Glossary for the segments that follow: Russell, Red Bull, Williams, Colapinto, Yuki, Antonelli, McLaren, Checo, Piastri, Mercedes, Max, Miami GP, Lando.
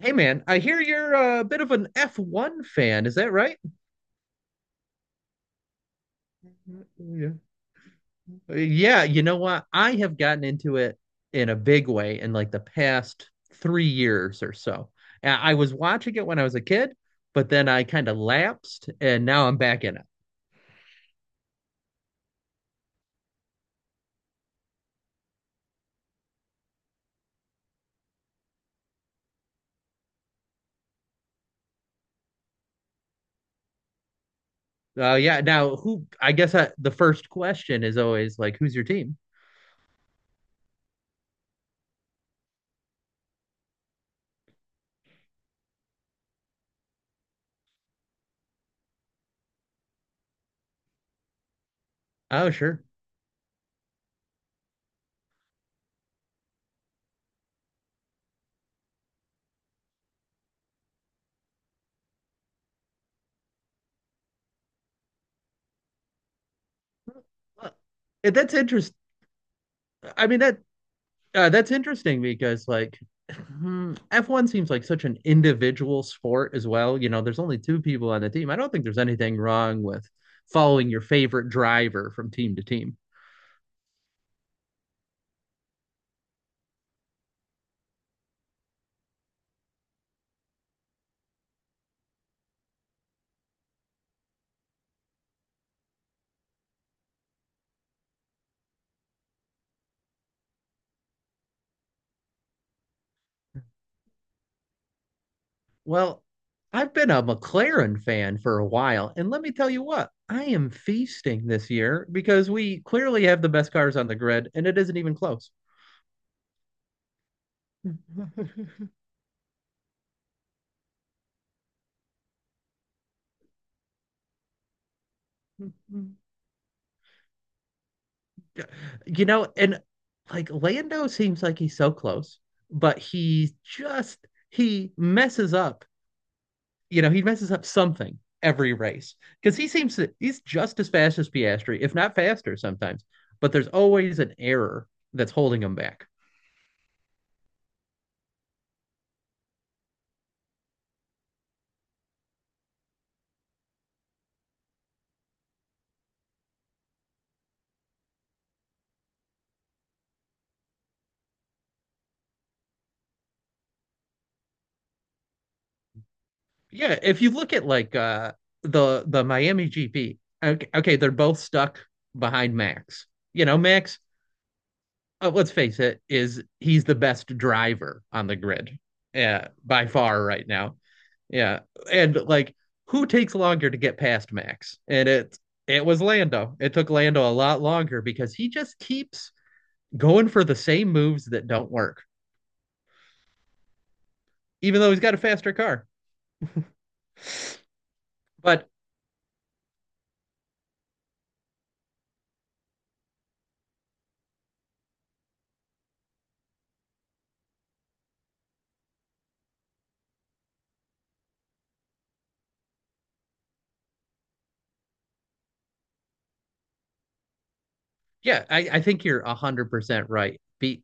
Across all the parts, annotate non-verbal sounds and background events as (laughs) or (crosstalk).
Hey man, I hear you're a bit of an F1 fan. Is that right? Yeah. Yeah, you know what? I have gotten into it in a big way in like the past 3 years or so. I was watching it when I was a kid, but then I kind of lapsed and now I'm back in it. Yeah. Now, the first question is always like, who's your team? Oh, sure. Uh, That's interesting. I mean, that that's interesting because F1 seems like such an individual sport as well. You know, there's only two people on the team. I don't think there's anything wrong with following your favorite driver from team to team. Well, I've been a McLaren fan for a while, and let me tell you what, I am feasting this year because we clearly have the best cars on the grid, and it isn't even close. (laughs) You know, and like Lando seems like he's so close, but he just he messes up, he messes up something every race because he's just as fast as Piastri, if not faster sometimes, but there's always an error that's holding him back. Yeah, if you look at the Miami GP. Okay, okay, they're both stuck behind Max. You know, let's face it, is he's the best driver on the grid, by far right now. Yeah, and like who takes longer to get past Max? And it was Lando. It took Lando a lot longer because he just keeps going for the same moves that don't work, even though he's got a faster car. But yeah, I think you're 100% right. Be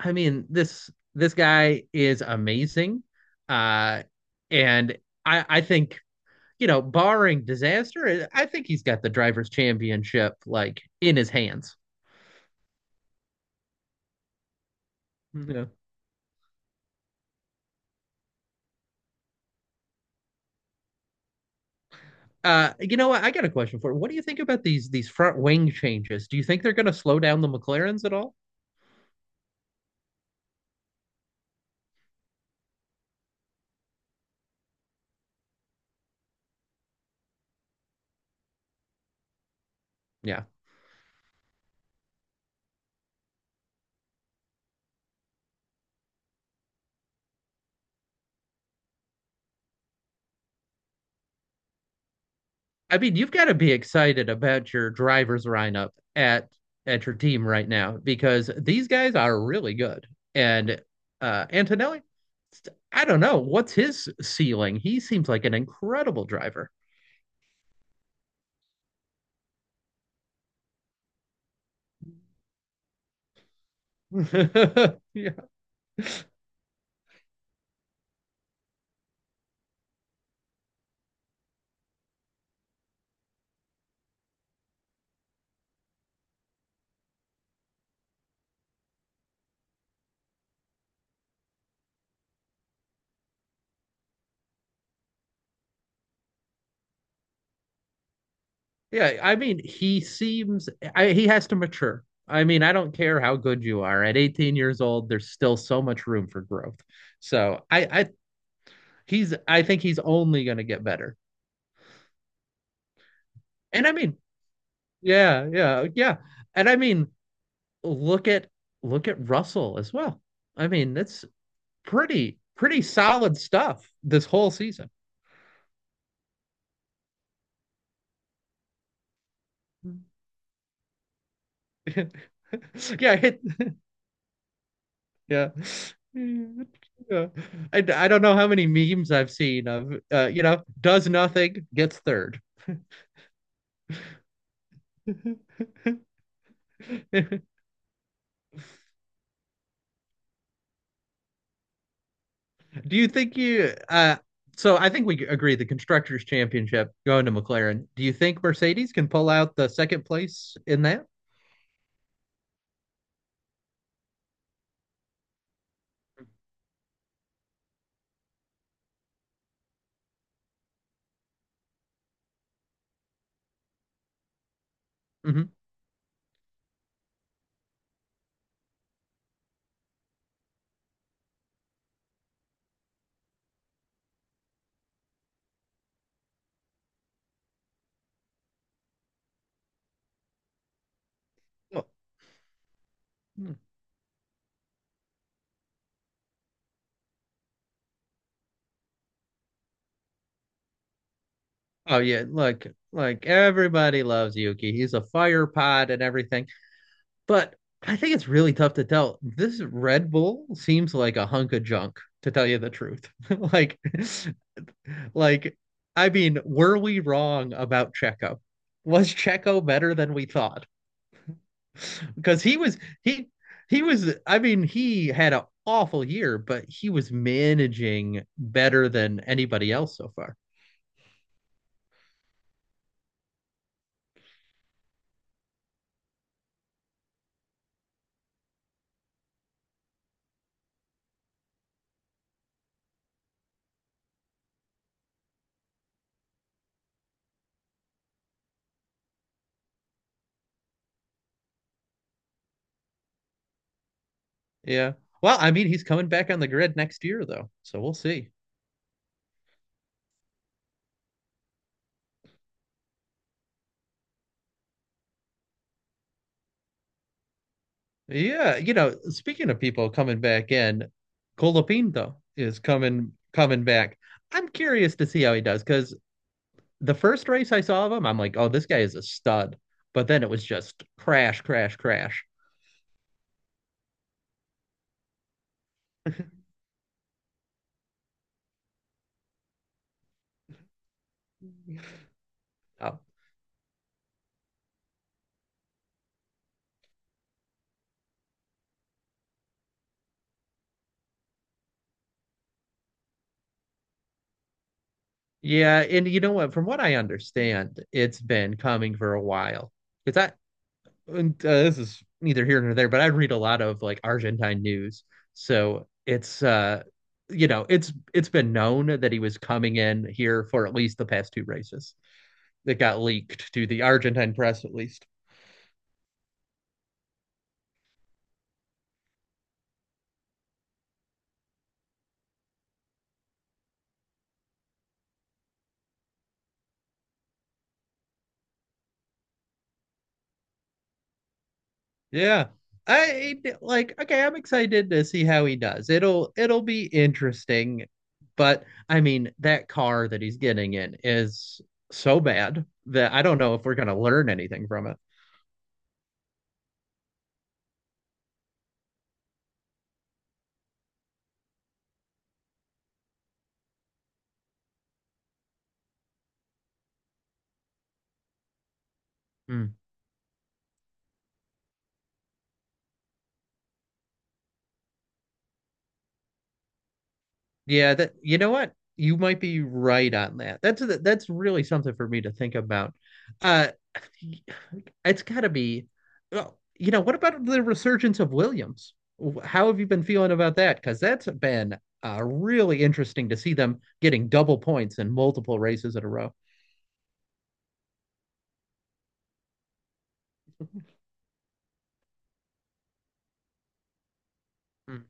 I mean, this guy is amazing, uh, and I think, you know, barring disaster, I think he's got the drivers' championship like in his hands. Yeah. You know what? I got a question for you. What do you think about these front wing changes? Do you think they're going to slow down the McLarens at all? Yeah. I mean, you've got to be excited about your driver's lineup at at your team right now because these guys are really good. And Antonelli, I don't know, what's his ceiling? He seems like an incredible driver. (laughs) You Yeah, I mean, he has to mature. I mean, I don't care how good you are. At 18 years old, there's still so much room for growth. So I, I I think he's only going to get better. And I mean, yeah, yeah, yeah. And I mean, look at look at Russell as well. I mean, that's pretty solid stuff this whole season. (laughs) Yeah, hit yeah. Yeah. I don't know how many memes I've seen of you know, does nothing, gets third. (laughs) Do you think you so I think we agree the constructors championship going to McLaren. Do you think Mercedes can pull out the second place in that? hmm Oh yeah, look, like everybody loves Yuki. He's a fire pod and everything. But I think it's really tough to tell. This Red Bull seems like a hunk of junk, to tell you the truth. (laughs) like, like, I mean, were we wrong about Checo? Was Checo better than we thought? Because he was I mean, he had an awful year, but he was managing better than anybody else so far. Yeah. Well, I mean, he's coming back on the grid next year though, so we'll see. Yeah, you know, speaking of people coming back in, Colapinto is coming back. I'm curious to see how he does because the first race I saw of him, I'm like, oh, this guy is a stud. But then it was just crash, crash, crash. (laughs) Oh, yeah, and you know what? From what I understand, it's been coming for a while. Because this is neither here nor there, but I read a lot of like Argentine news. So it's You know, it's been known that he was coming in here for at least the past two races that got leaked to the Argentine press at least. Yeah. I like Okay, I'm excited to see how he does. It'll be interesting, but I mean, that car that he's getting in is so bad that I don't know if we're going to learn anything from it. Yeah, that you know what? You might be right on that. That's really something for me to think about. Uh it's got to be well, you know, what about the resurgence of Williams? How have you been feeling about that? Because that's been really interesting to see them getting double points in multiple races in a row. Hmm.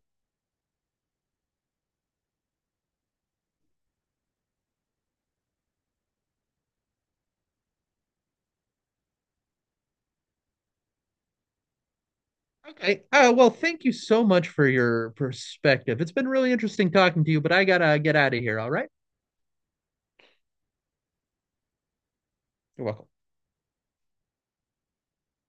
Okay. Well, thank you so much for your perspective. It's been really interesting talking to you, but I gotta get out of here. All right. You're welcome.